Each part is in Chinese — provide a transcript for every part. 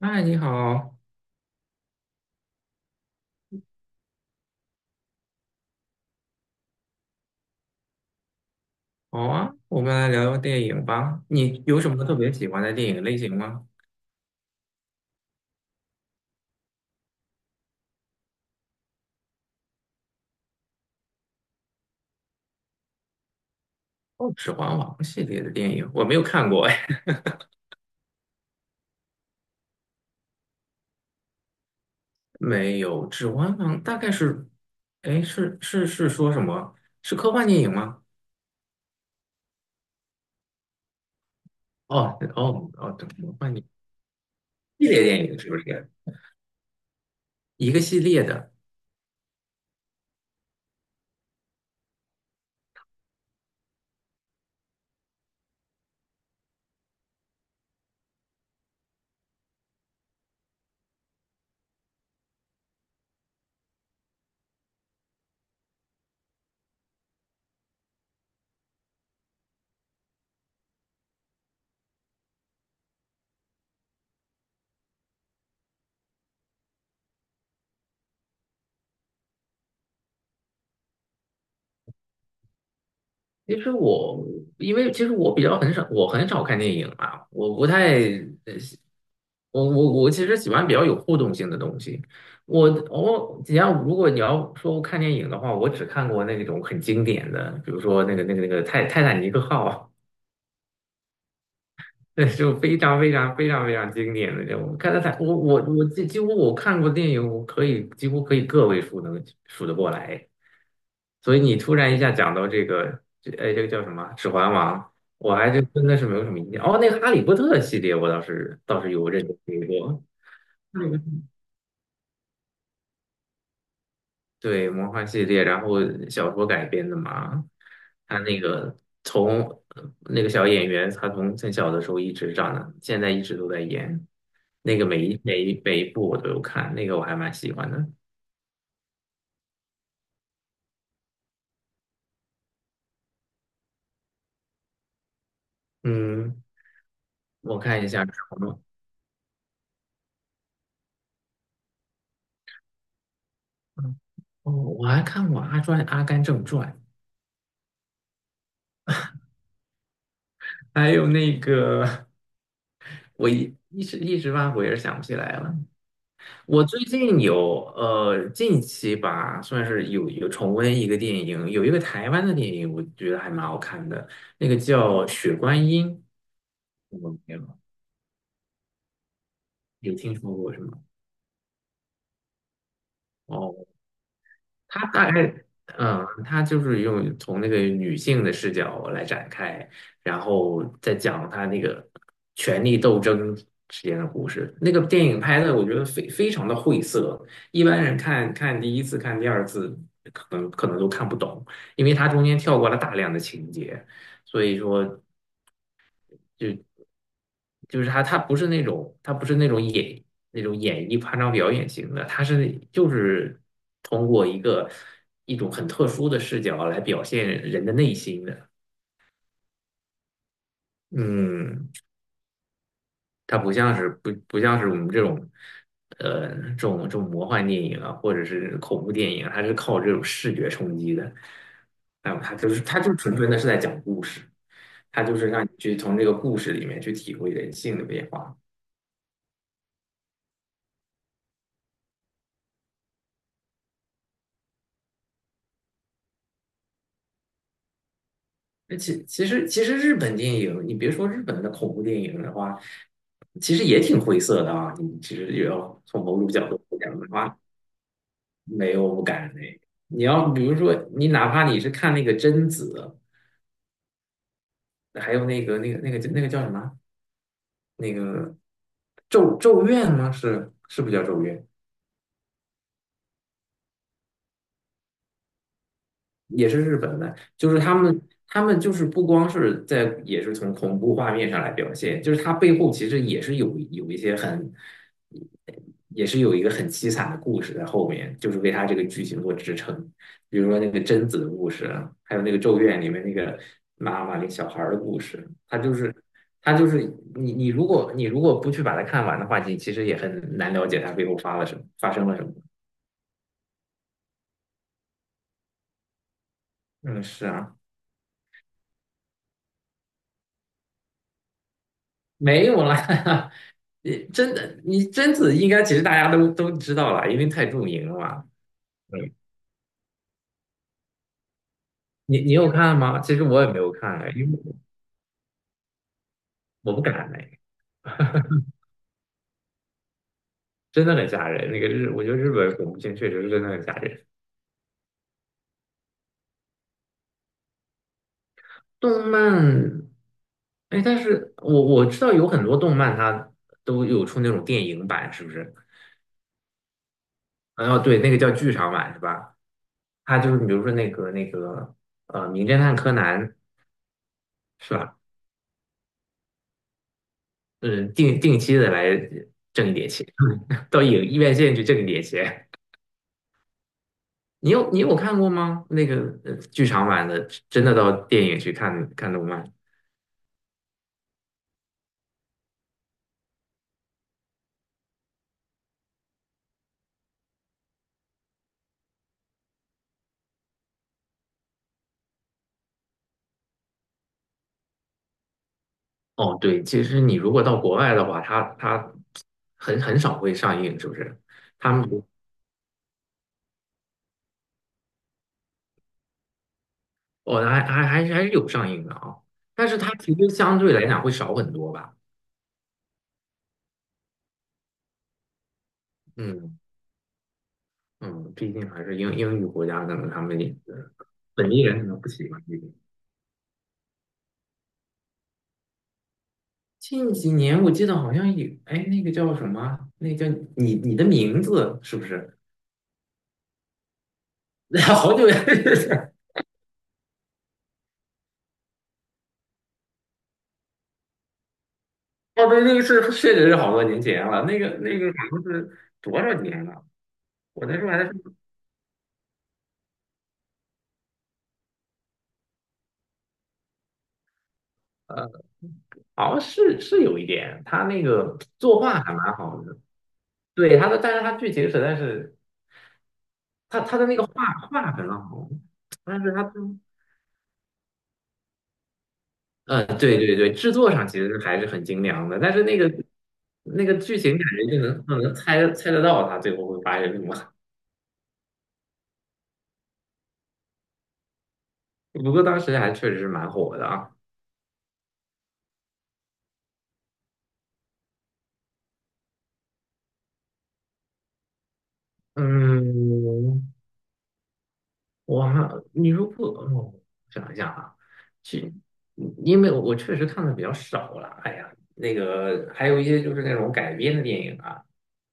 嗨，你好。好啊，我们来聊聊电影吧。你有什么特别喜欢的电影类型吗？哦，《指环王》系列的电影我没有看过。哎，没有，《指环王》大概是，哎，是说什么？是科幻电影吗？哦哦哦，对，科幻电影系列电影是不是？一个系列的。其实我因为其实我比较很少，我很少看电影啊，我不太我我我其实喜欢比较有互动性的东西。我我你要如果你要说我看电影的话，我只看过那种很经典的，比如说那个泰坦尼克号，那就非常非常非常非常经典的那种。看泰坦，我几乎我看过电影，我可以几乎可以个位数能数得过来。所以你突然一下讲到这个，哎,这个叫什么《指环王》，我还就真的是没有什么印象。哦，那个《哈利波特》系列我倒是有认真追过。对，魔幻系列，然后小说改编的嘛。他那个从那个小演员，他从很小的时候一直长的，现在一直都在演。那个每一部我都有看，那个我还蛮喜欢的。嗯，我看一下什么？哦，我还看过《阿甘正传》，还有那个 我一时半会儿也想不起来了。我最近有近期吧，算是有重温一个电影，有一个台湾的电影，我觉得还蛮好看的，那个叫《雪观音》，你有没有有听说过是吗？哦。他大概，嗯，他就是用从那个女性的视角来展开，然后再讲他那个权力斗争之间的故事。那个电影拍的，我觉得非常的晦涩，一般人看看第一次、看第二次，可能都看不懂，因为它中间跳过了大量的情节，所以说就就是他不是那种他不是那种演那种演绎夸张表演型的，他是就是通过一个一种很特殊的视角来表现人的内心的。嗯，它不像是我们这种，这种这种魔幻电影啊，或者是恐怖电影啊，它是靠这种视觉冲击的。还有它就是它就纯纯的是在讲故事，它就是让你去从这个故事里面去体会人性的变化。那其实日本电影，你别说日本的恐怖电影的话，其实也挺灰色的啊。你其实也要从某种角度来讲的话，没有不敢那个。你要比如说，你哪怕你是看那个贞子，还有那个那个叫什么？那个咒怨吗？是不叫咒怨？也是日本的，就是他们，他们就是不光是在，也是从恐怖画面上来表现，就是它背后其实也是有一些很，也是有一个很凄惨的故事在后面，就是为它这个剧情做支撑。比如说那个贞子的故事啊，还有那个《咒怨》里面那个妈妈那个小孩儿的故事，它就是它就是你如果你如果不去把它看完的话，你其实也很难了解它背后发了什么，发生了什么。嗯，是啊。没有啦，你真的，你贞子应该其实大家都知道了，因为太著名了嘛。嗯，你你有看吗？其实我也没有看哎，因为我我不敢哎，真的很吓人。那个日，我觉得日本恐怖片确实是真的很吓人。动漫，哎，但是我我知道有很多动漫它都有出那种电影版，是不是？哦，对，那个叫剧场版是吧？它就是比如说那个名侦探柯南》是吧？嗯，定期的来挣一点钱。都有院线去挣点钱。你有看过吗？那个剧场版的，真的到电影去看看动漫？哦，对，其实你如果到国外的话，它它很很少会上映，是不是？他们不哦，还是有上映的啊，但是它其实相对来讲会少很多吧？嗯嗯，毕竟还是英语国家，可能他们也是本地人可能不喜欢这个。近几年我记得好像有，哎，那个叫什么？那个叫你你的名字是不是？好久也 是，哦，对，那个是确实是好多年前了，那个那个好像是多少年了？我那时候还是呃，好像是是有一点，他那个作画还蛮好的，对他的，但是他剧情实在是他他的那个画画很好，但是他对对对，制作上其实还是很精良的，但是那个那个剧情感觉就能就能猜猜得到他最后会发生什么。不过当时还确实是蛮火的啊。嗯。哇，你如果想一下啊，其因为我我确实看的比较少了，哎呀，那个还有一些就是那种改编的电影啊，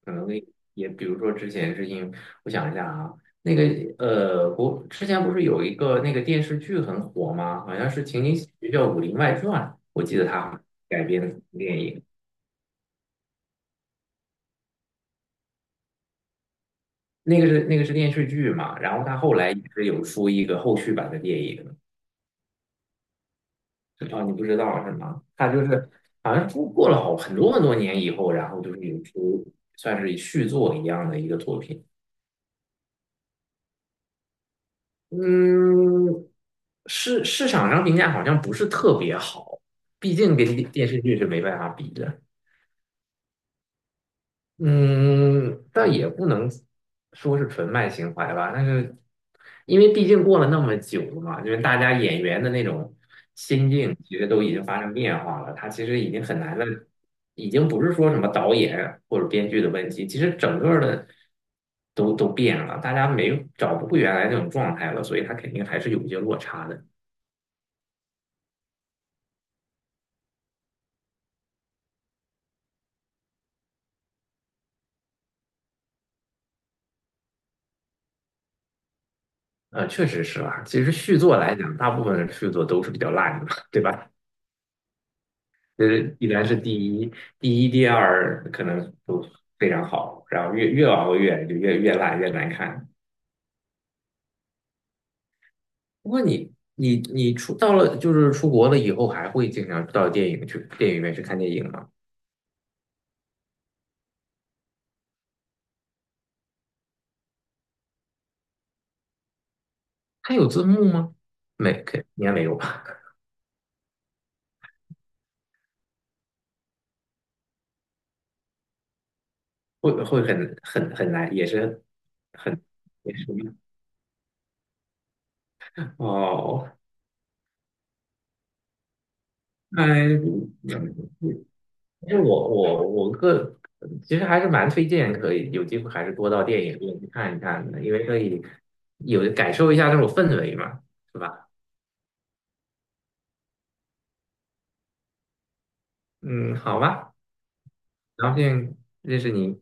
可能也比如说之前是因我想一下啊，那个国之前不是有一个那个电视剧很火吗？好像是情景喜剧叫《武林外传》，我记得它改编的电影，那个是那个是电视剧嘛，然后它后来也是有出一个后续版的电影。啊，你不知道是吗？他就是好像过了好很多很多年以后，然后就是有出算是续作一样的一个作品。嗯，市场上评价好像不是特别好，毕竟跟电视剧是没办法比的。嗯，但也不能说是纯卖情怀吧，但是因为毕竟过了那么久了嘛，就是大家演员的那种心境其实都已经发生变化了，他其实已经很难的，已经不是说什么导演或者编剧的问题，其实整个的都变了，大家没有找不回原来那种状态了，所以他肯定还是有一些落差的。呃，确实是啊，其实续作来讲，大部分的续作都是比较烂的嘛对吧？呃，依然是第一，第一、第二可能都非常好，然后越越往后越就越越烂越难看。不过你出到了就是出国了以后，还会经常到电影去电影院去看电影吗？它有字幕吗？没，肯应该没有吧？会会很难，也是很也是哦。哎，因为我其实还是蛮推荐，可以有机会还是多到电影院去看一看的，因为可以有感受一下那种氛围嘛，是吧？嗯，好吧，很高兴认识你。